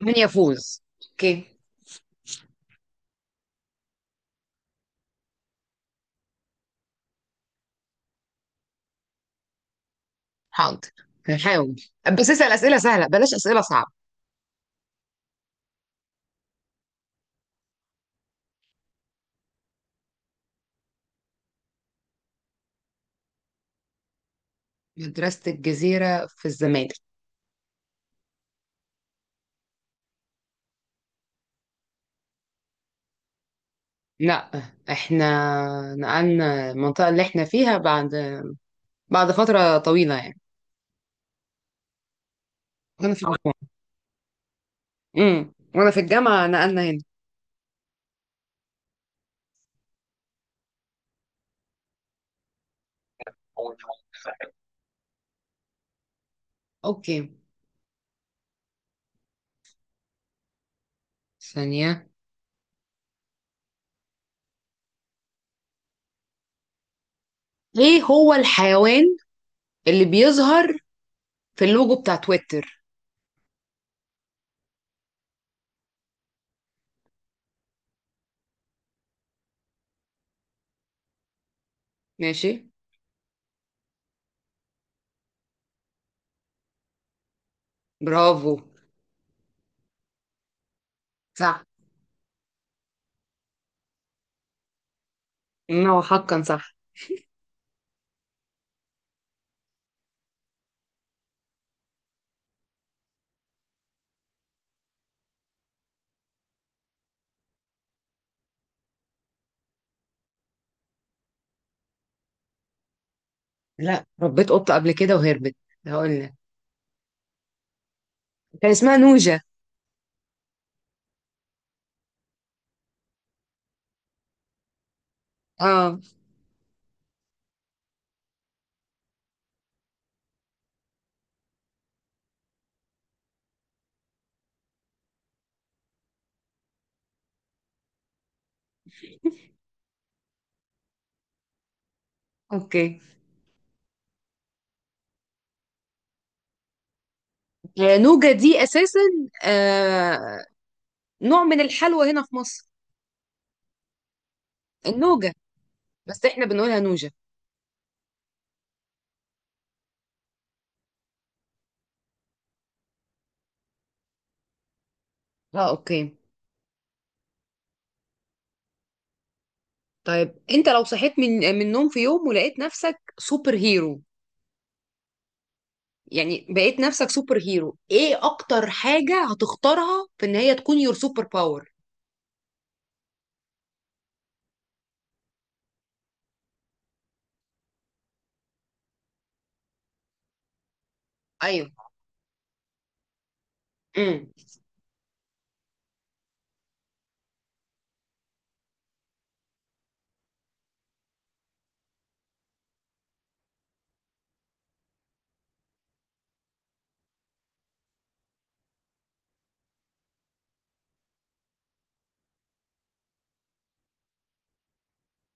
من يفوز. اوكي. حاضر. هحاول، بس اسأل أسئلة سهلة بلاش أسئلة صعبة. مدرسة الجزيرة في الزمالك. لا، احنا نقلنا المنطقة اللي احنا فيها بعد بعد فترة طويلة يعني. وانا في الجامعة، وانا في الجامعة نقلنا هنا. اوكي، ثانية. ايه هو الحيوان اللي بيظهر في اللوجو بتاع تويتر؟ ماشي. برافو. صح. إن هو حقا صح. لا، ربيت قطة قبل كده وهربت. هقول لك، كان اسمها نوجة. اه، اوكي. آه، نوجة دي اساسا، آه، نوع من الحلوى هنا في مصر. النوجة. بس احنا بنقولها نوجة. اه، اوكي. طيب، انت لو صحيت من النوم في يوم ولقيت نفسك سوبر هيرو، يعني بقيت نفسك سوبر هيرو، ايه اكتر حاجة هتختارها في ان هي تكون يور سوبر باور؟ ايوه. امم.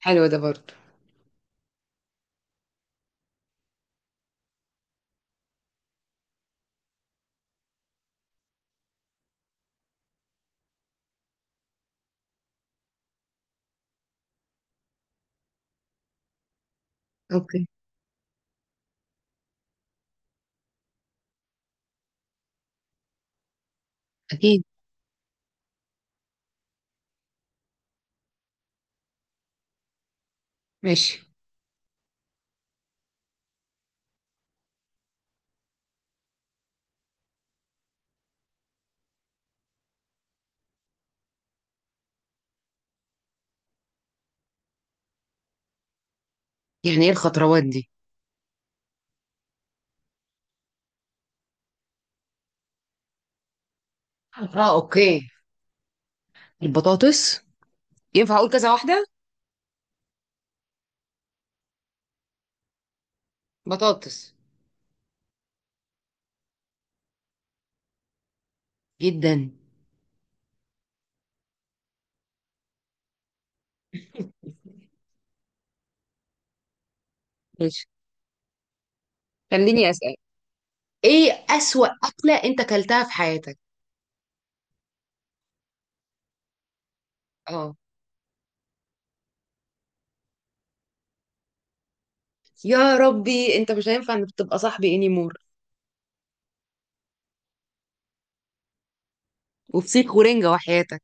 حلو ده برضه. اوكي. اكيد. ماشي. يعني ايه الخطروات دي؟ اه، اوكي. البطاطس. ينفع اقول كذا واحدة؟ بطاطس. جدا. ماشي. خليني اسال، ايه اسوأ اكله انت اكلتها في حياتك؟ اه. يا ربي، انت مش هينفع انك تبقى صاحبي انيمور. وفسيخ ورنجة وحياتك.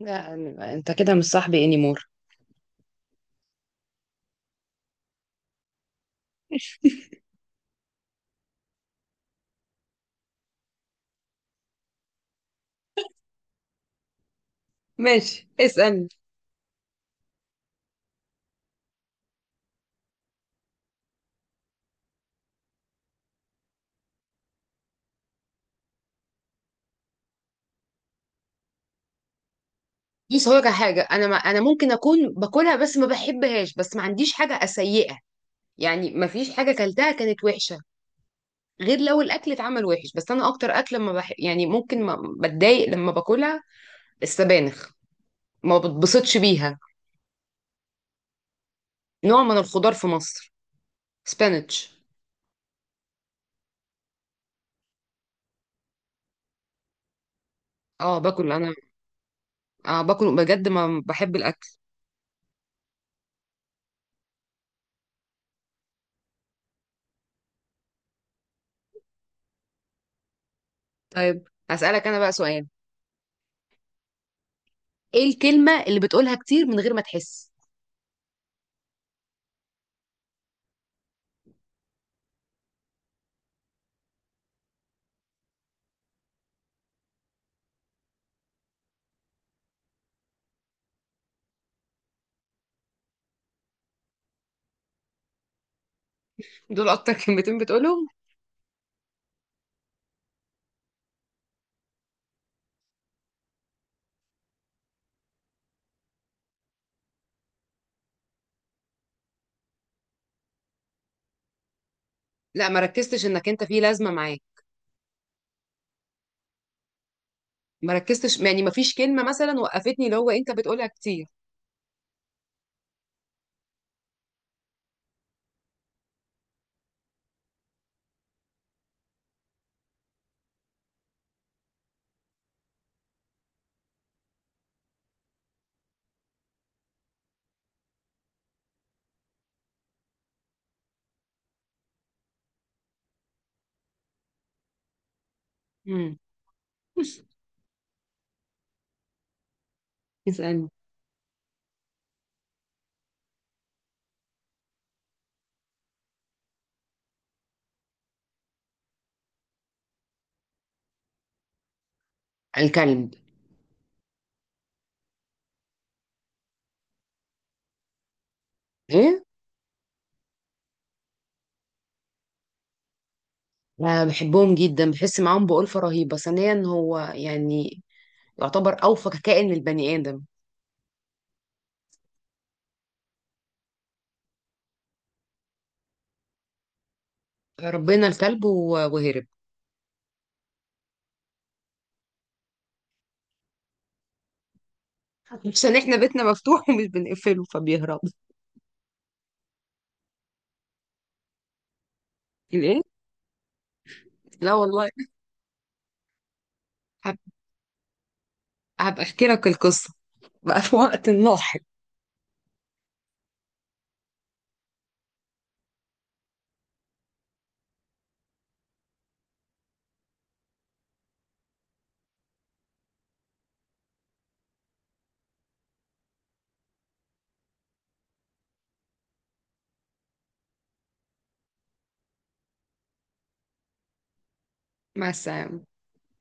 لا، انت كده مش صاحبي انيمور. ماشي، اسألني. دي صورة حاجة أنا، ما أنا ممكن أكون باكلها بس ما بحبهاش، بس ما عنديش حاجة سيئة، يعني ما فيش حاجة كلتها كانت وحشة، غير لو الأكل اتعمل وحش. بس أنا أكتر أكل لما بح... يعني ممكن ما بتضايق لما باكلها، السبانخ، ما بتبسطش بيها. نوع من الخضار في مصر. سبانيتش. اه باكل انا، اه باكل بجد، ما بحب الاكل. طيب هسألك انا بقى سؤال، ايه الكلمة اللي بتقولها كتير من غير ما تحس؟ دول اكتر كلمتين بتقولهم. لا ما ركزتش انك انت في لازمة معاك، ما ركزتش يعني، ما فيش كلمة مثلا وقفتني اللي هو انت بتقولها كتير. امم. اسألني. الكلب. ايه. لا بحبهم جدا، بحس معاهم بألفة رهيبة، ثانيا هو يعني يعتبر اوفى كائن للبني ادم. ربنا الكلب وهرب. عشان احنا بيتنا مفتوح ومش بنقفله فبيهرب. ليه؟ لا والله. هب... هبقى احكي لك القصة بقى في وقت لاحق. مع السلامة.